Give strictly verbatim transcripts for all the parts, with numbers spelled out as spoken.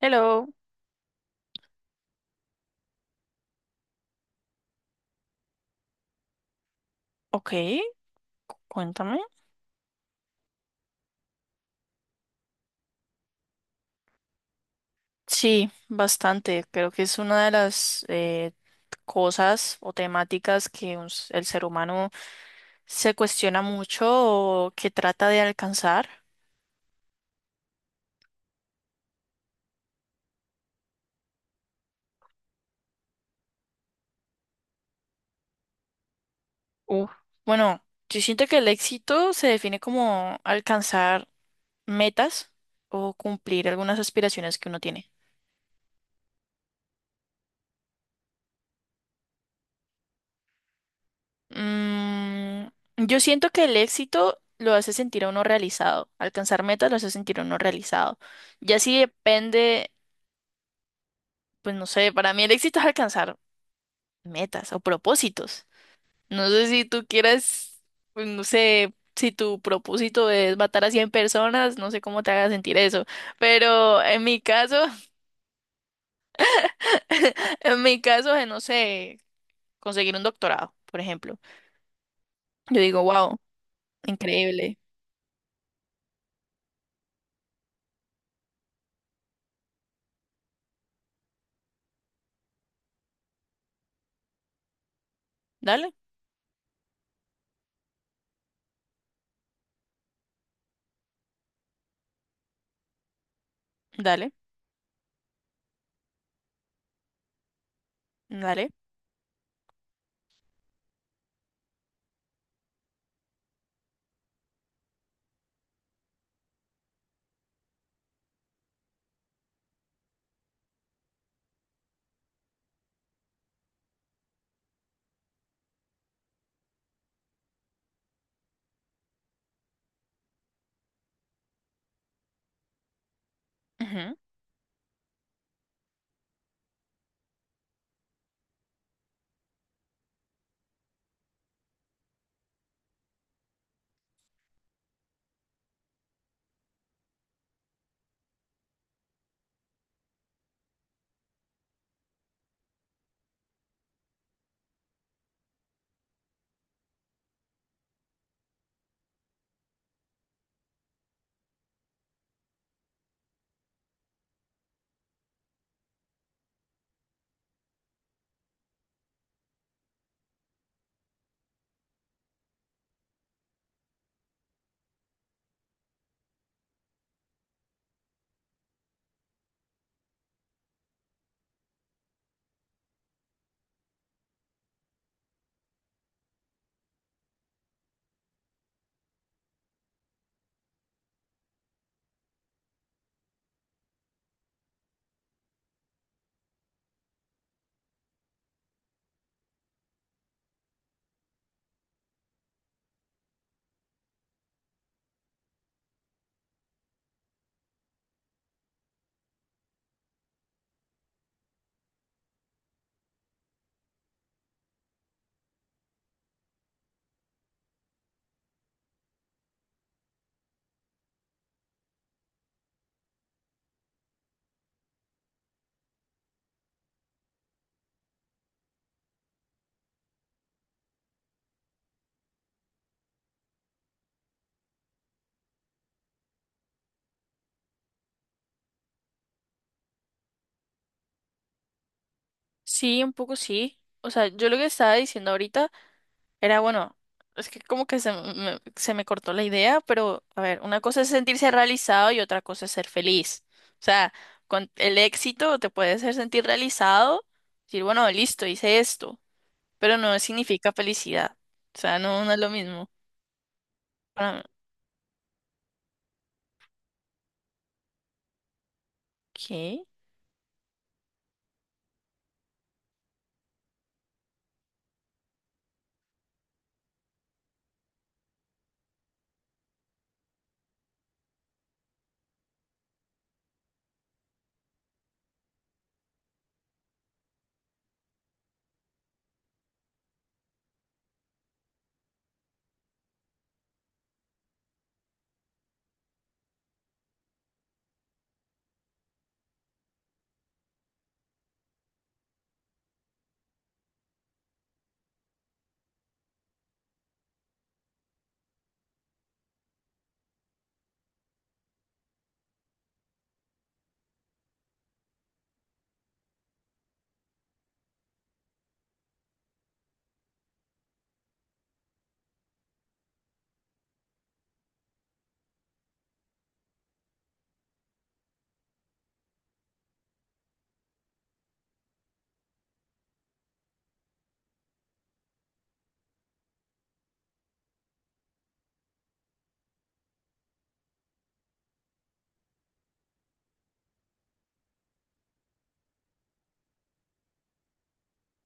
Hello, ok, cuéntame. Sí, bastante. Creo que es una de las eh, cosas o temáticas que un s- el ser humano se cuestiona mucho o que trata de alcanzar. Uf. Bueno, yo siento que el éxito se define como alcanzar metas o cumplir algunas aspiraciones que uno tiene. Mm, yo siento que el éxito lo hace sentir a uno realizado, alcanzar metas lo hace sentir a uno realizado. Ya si depende, pues no sé, para mí el éxito es alcanzar metas o propósitos. No sé si tú quieras, pues no sé, si tu propósito es matar a cien personas, no sé cómo te haga sentir eso, pero en mi caso, en mi caso, eh, no sé, conseguir un doctorado, por ejemplo. Yo digo, wow, increíble. Dale, dale, dale. Ujú. Sí, un poco sí. O sea, yo lo que estaba diciendo ahorita era, bueno, es que como que se me, se me cortó la idea, pero a ver, una cosa es sentirse realizado y otra cosa es ser feliz. O sea, con el éxito te puede hacer sentir realizado, decir, bueno, listo, hice esto, pero no significa felicidad. O sea, no, no es lo mismo. Para… ¿Qué?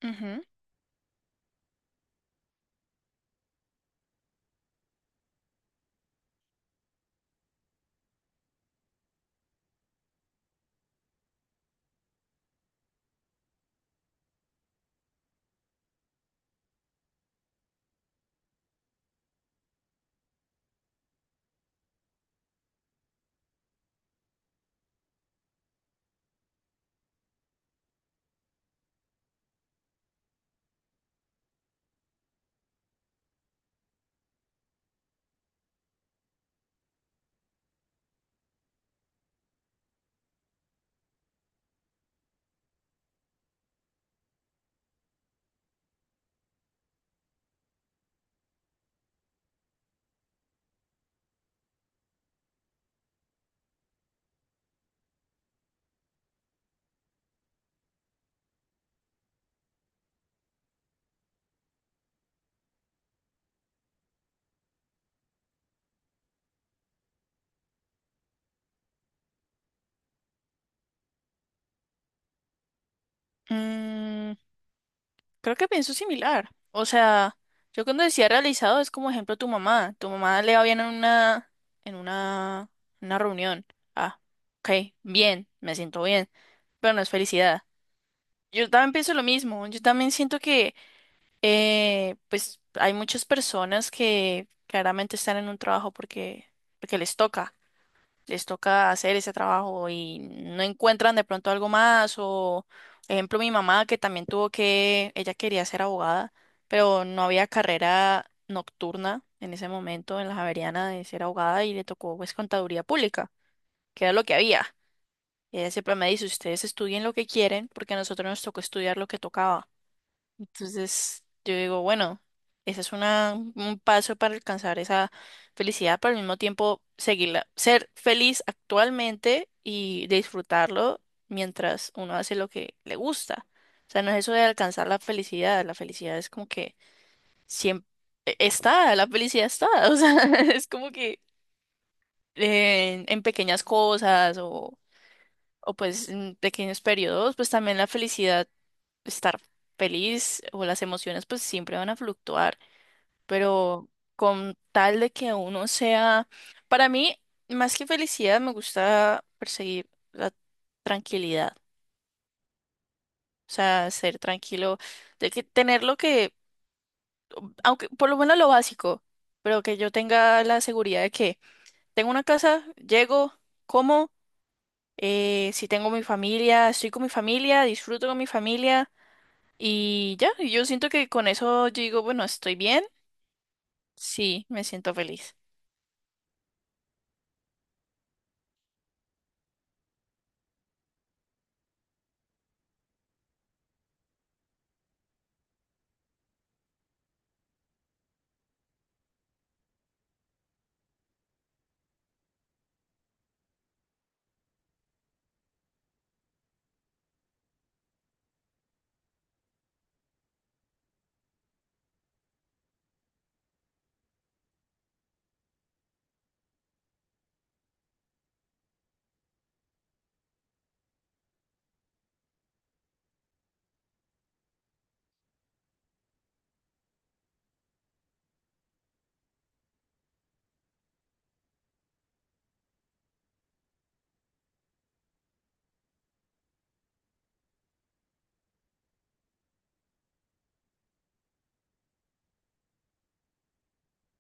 Ujú. Mm. Creo que pienso similar. O sea, yo cuando decía realizado es como ejemplo tu mamá. Tu mamá le va bien en una, en una, una reunión. Ah, ok, bien, me siento bien, pero no es felicidad. Yo también pienso lo mismo. Yo también siento que, eh, pues, hay muchas personas que claramente están en un trabajo porque, porque les toca, les toca hacer ese trabajo y no encuentran de pronto algo más o, ejemplo, mi mamá que también tuvo que, ella quería ser abogada, pero no había carrera nocturna en ese momento en la Javeriana de ser abogada y le tocó pues contaduría pública, que era lo que había. Y ella siempre me dice, ustedes estudien lo que quieren porque a nosotros nos tocó estudiar lo que tocaba. Entonces, yo digo, bueno, ese es una, un paso para alcanzar esa felicidad, pero al mismo tiempo seguirla, ser feliz actualmente y disfrutarlo mientras uno hace lo que le gusta. O sea, no es eso de alcanzar la felicidad, la felicidad es como que siempre está, la felicidad está, o sea, es como que eh, en pequeñas cosas o, o pues en pequeños periodos, pues también la felicidad estar feliz o las emociones pues siempre van a fluctuar, pero con tal de que uno sea, para mí, más que felicidad, me gusta perseguir la tranquilidad, o sea, ser tranquilo, de que tener lo que, aunque por lo menos lo básico, pero que yo tenga la seguridad de que tengo una casa, llego, como, eh, si tengo mi familia, estoy con mi familia, disfruto con mi familia. Y ya, y yo siento que con eso yo digo, bueno, estoy bien. Sí, me siento feliz.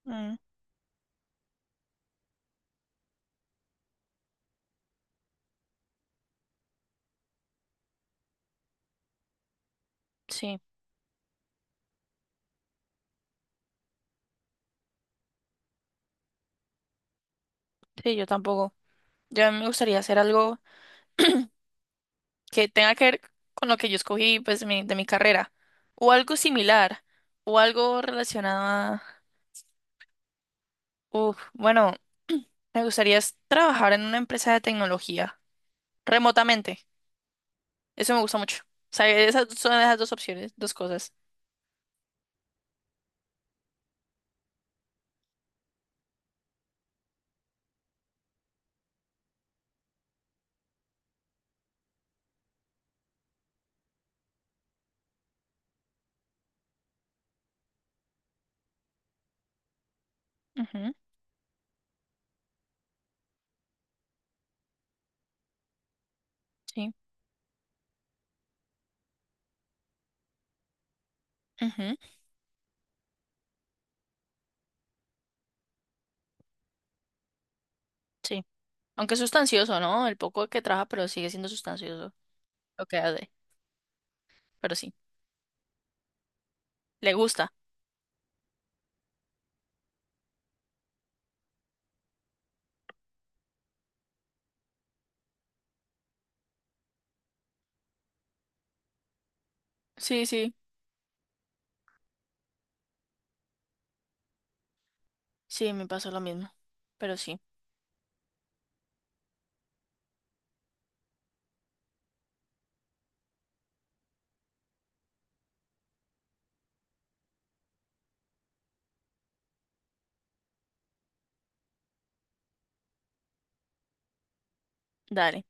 Mm, sí, sí, yo tampoco. Yo me gustaría hacer algo que tenga que ver con lo que yo escogí, pues, mi- de mi carrera. O algo similar. O algo relacionado a… Uf, bueno, me gustaría es trabajar en una empresa de tecnología. Remotamente. Eso me gusta mucho. O sea, esas son esas dos opciones, dos cosas. Ujú, sí. Ujú, sí. Aunque es sustancioso, ¿no? El poco que trabaja, pero sigue siendo sustancioso lo que hace. Pero sí. Le gusta. Sí, sí. Sí, me pasó lo mismo. Pero sí, dale.